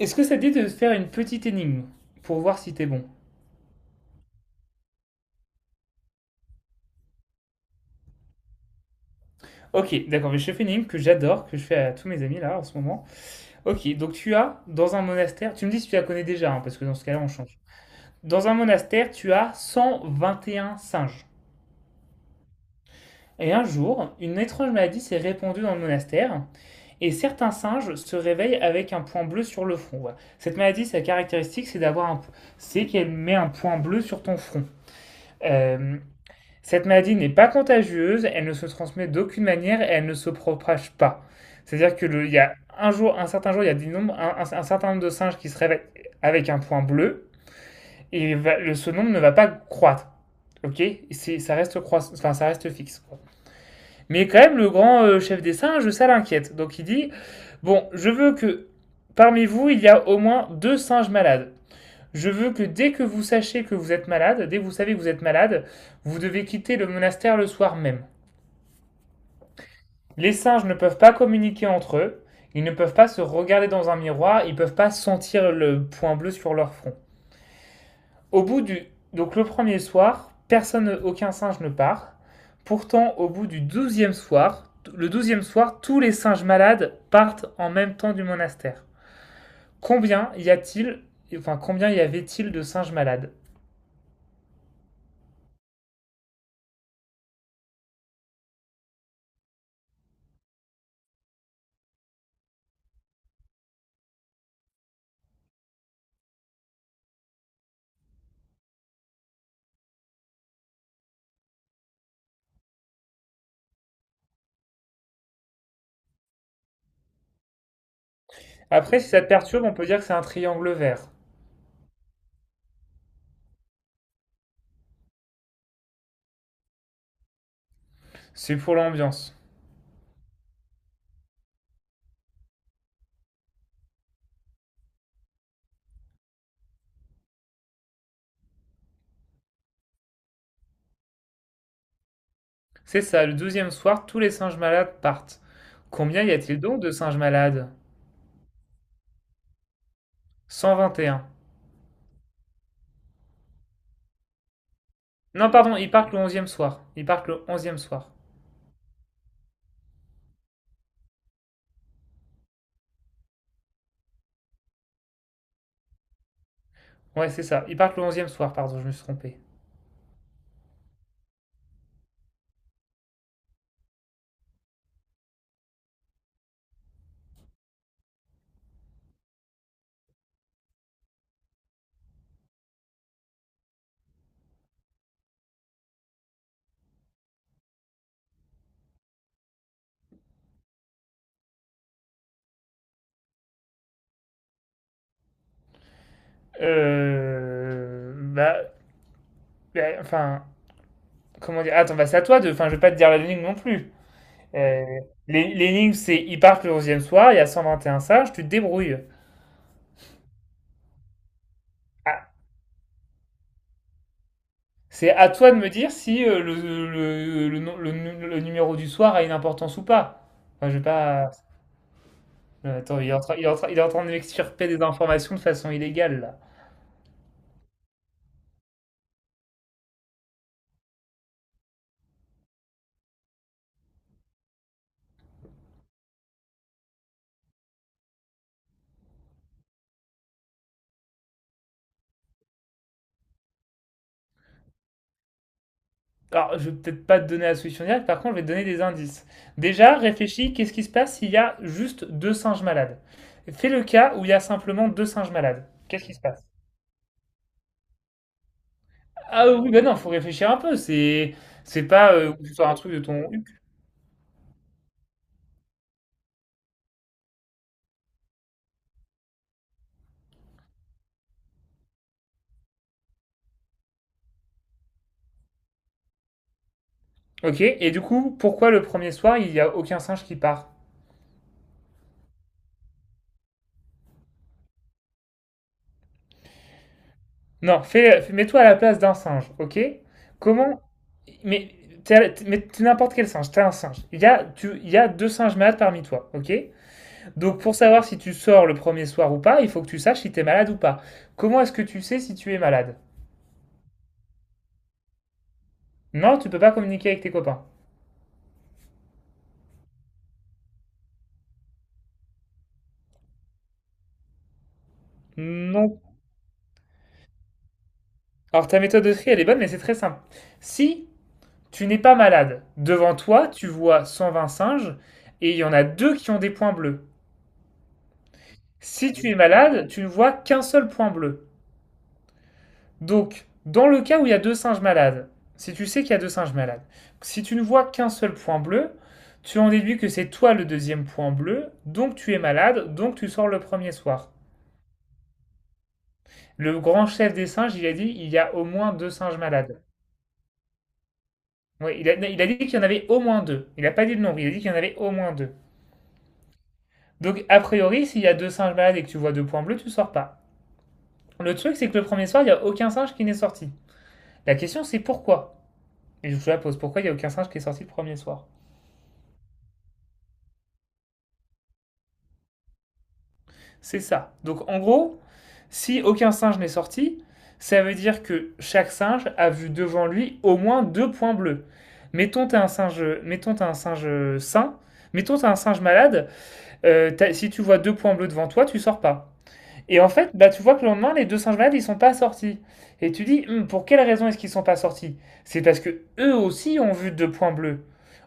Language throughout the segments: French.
Est-ce que ça te dit de faire une petite énigme pour voir si t'es bon? Ok, d'accord, mais je fais une énigme que j'adore, que je fais à tous mes amis là en ce moment. Ok, donc tu as dans un monastère, tu me dis si tu la connais déjà, hein, parce que dans ce cas-là on change. Dans un monastère, tu as 121 singes. Et un jour, une étrange maladie s'est répandue dans le monastère, et certains singes se réveillent avec un point bleu sur le front. Voilà. Cette maladie, sa caractéristique, c'est qu'elle met un point bleu sur ton front. Euh, Cette maladie n'est pas contagieuse, elle ne se transmet d'aucune manière et elle ne se propage pas. C'est-à-dire il y a un jour, un certain jour, il y a des nombres- un certain nombre de singes qui se réveillent avec un point bleu ce nombre ne va pas croître. Ok. Ça reste enfin, ça reste fixe, quoi. Mais quand même, le grand chef des singes, ça l'inquiète. Donc il dit, bon, je veux que parmi vous, il y a au moins deux singes malades. Je veux que dès que vous sachiez que vous êtes malade, dès que vous savez que vous êtes malade, vous devez quitter le monastère le soir même. Les singes ne peuvent pas communiquer entre eux, ils ne peuvent pas se regarder dans un miroir, ils ne peuvent pas sentir le point bleu sur leur front. Au bout du Donc le premier soir, personne aucun singe ne part. Pourtant au bout du 12e soir, le 12e soir, tous les singes malades partent en même temps du monastère. Combien y a-t-il enfin combien y avait-il de singes malades? Après si ça te perturbe, on peut dire que c'est un triangle vert. C'est pour l'ambiance. C'est ça, le 12e soir, tous les singes malades partent. Combien y a-t-il donc de singes malades? 121. Non, pardon, ils partent le 11e soir. Ils partent le onzième soir. Ouais, c'est ça, ils partent le 11e soir, pardon, je me suis trompé. Euh... Bah... Enfin, comment dire? Attends, bah c'est à toi de... Enfin, je vais pas te dire l'énigme non plus. Euh, L'énigme, c'est ils partent le 11e soir, il y a 121 singes, tu te débrouilles. Ah, c'est à toi de me dire si le numéro du soir a une importance ou pas. Enfin, je vais pas... Attends, il est en train de m'extirper des informations de façon illégale, là. Alors, je vais peut-être pas te donner la solution directe, par contre, je vais te donner des indices. Déjà, réfléchis, qu'est-ce qui se passe s'il y a juste deux singes malades? Fais le cas où il y a simplement deux singes malades. Qu'est-ce qui se passe? Ah oui, ben non, faut réfléchir un peu, c'est pas que ce soit un truc de ton... Ok, et du coup, pourquoi le premier soir, il y a aucun singe qui part? Non, mets-toi à la place d'un singe, ok? Comment... Mais t'es n'importe quel singe, t'es un singe. Il y a deux singes malades parmi toi, ok? Donc pour savoir si tu sors le premier soir ou pas, il faut que tu saches si t'es malade ou pas. Comment est-ce que tu sais si tu es malade? Non, tu peux pas communiquer avec tes copains. Non. Alors ta méthode de tri, elle est bonne, mais c'est très simple. Si tu n'es pas malade, devant toi, tu vois 120 singes et il y en a deux qui ont des points bleus. Si tu es malade, tu ne vois qu'un seul point bleu. Donc, dans le cas où il y a deux singes malades, si tu sais qu'il y a deux singes malades, si tu ne vois qu'un seul point bleu, tu en déduis que c'est toi le deuxième point bleu, donc tu es malade, donc tu sors le premier soir. Le grand chef des singes, il a dit il y a au moins deux singes malades. Ouais, il a dit qu'il y en avait au moins deux. Il n'a pas dit le nombre, il a dit qu'il y en avait au moins deux. Donc, a priori, s'il y a deux singes malades et que tu vois deux points bleus, tu sors pas. Le truc, c'est que le premier soir, il n'y a aucun singe qui n'est sorti. La question, c'est pourquoi. Et je vous la pose, pourquoi il n'y a aucun singe qui est sorti le premier soir? C'est ça. Donc en gros, si aucun singe n'est sorti, ça veut dire que chaque singe a vu devant lui au moins deux points bleus. Mettons t'as un singe, mettons t'as un singe sain, mettons t'as un singe malade. Si tu vois deux points bleus devant toi, tu sors pas. Et en fait, bah, tu vois que le lendemain, les deux singes malades, ils sont pas sortis. Et tu dis, pour quelle raison est-ce qu'ils sont pas sortis? C'est parce que eux aussi ont vu deux points bleus.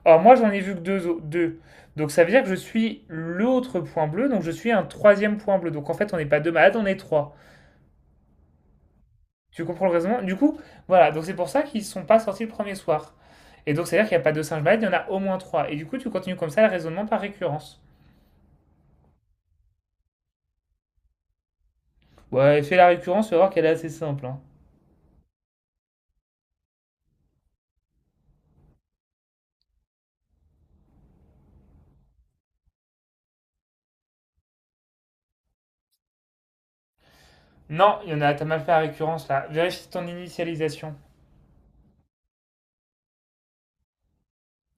Or, moi, j'en ai vu que deux, deux. Donc, ça veut dire que je suis l'autre point bleu, donc je suis un troisième point bleu. Donc, en fait, on n'est pas deux malades, on est trois. Tu comprends le raisonnement? Du coup, voilà. Donc, c'est pour ça qu'ils sont pas sortis le premier soir. Et donc, c'est-à-dire qu'il n'y a pas deux singes malades, il y en a au moins trois. Et du coup, tu continues comme ça le raisonnement par récurrence. Ouais, fais la récurrence, tu vas voir qu'elle est assez simple, hein. Non, il y en a, t'as mal fait la récurrence là. Vérifie ton initialisation.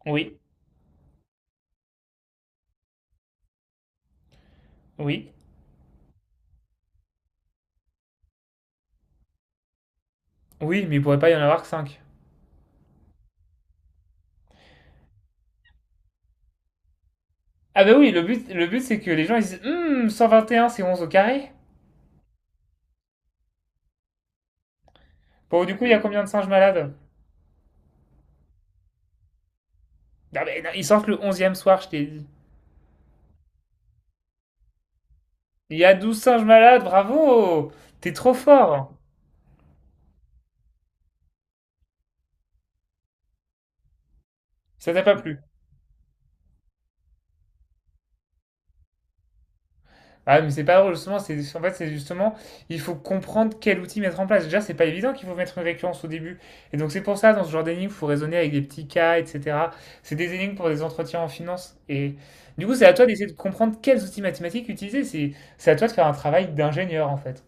Oui, oui, oui, mais il pourrait pas y en avoir que 5. Ah bah oui, le but, c'est que les gens ils disent 121, c'est 11 au carré. Bon, du coup, il y a combien de singes malades? Non, mais non, ils sortent le 11e soir, je t'ai dit. Il y a 12 singes malades, bravo. T'es trop fort. Ça t'a pas plu? Ah, mais c'est pas drôle, justement. C'est, en fait, c'est justement, il faut comprendre quel outil mettre en place. Déjà, c'est pas évident qu'il faut mettre une récurrence au début. Et donc, c'est pour ça, dans ce genre d'énigmes, il faut raisonner avec des petits cas, etc. C'est des énigmes pour des entretiens en finance. Et du coup, c'est à toi d'essayer de comprendre quels outils mathématiques utiliser. C'est à toi de faire un travail d'ingénieur, en fait.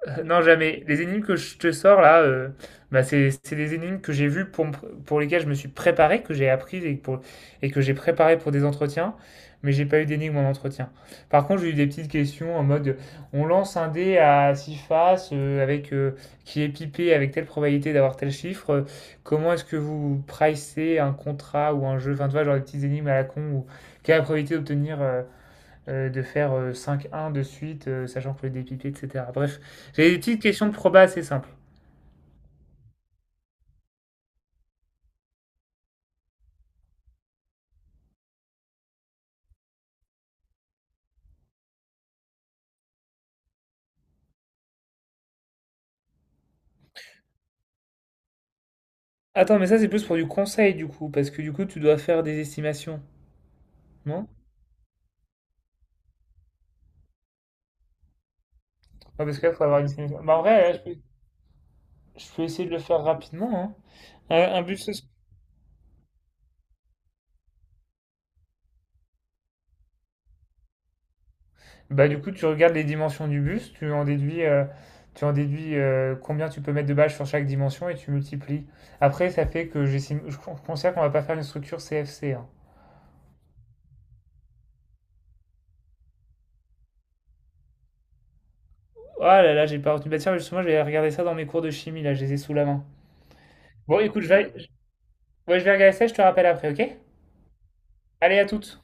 Non, jamais. Les énigmes que je te sors là, bah, c'est des énigmes que j'ai vues pour lesquelles je me suis préparé, que j'ai appris et que j'ai préparé pour des entretiens, mais j'ai pas eu d'énigmes en entretien. Par contre, j'ai eu des petites questions en mode on lance un dé à six faces qui est pipé avec telle probabilité d'avoir tel chiffre. Comment est-ce que vous pricez un contrat ou un jeu? Enfin, tu vois, genre des petites énigmes à la con ou quelle est la probabilité d'obtenir de faire 5-1 de suite, sachant que le dépipé, etc. Bref, j'ai des petites questions de proba assez simples. Attends, mais ça, c'est plus pour du conseil, du coup, parce que du coup, tu dois faire des estimations, non? Ah, parce que là, faut avoir une estimation. Bah, en vrai, là, je peux essayer de le faire rapidement, hein. Un, un bus, ce- Bah, du coup, tu regardes les dimensions du bus, tu en déduis combien tu peux mettre de bâches sur chaque dimension et tu multiplies. Après, ça fait que j'estime, considère qu'on va pas faire une structure CFC. Oh là là, j'ai pas retenu. Bah tiens, justement, je vais regarder ça dans mes cours de chimie, là, je les ai sous la main. Bon, écoute, ouais, je vais regarder ça, je te rappelle après, ok? Allez, à toutes!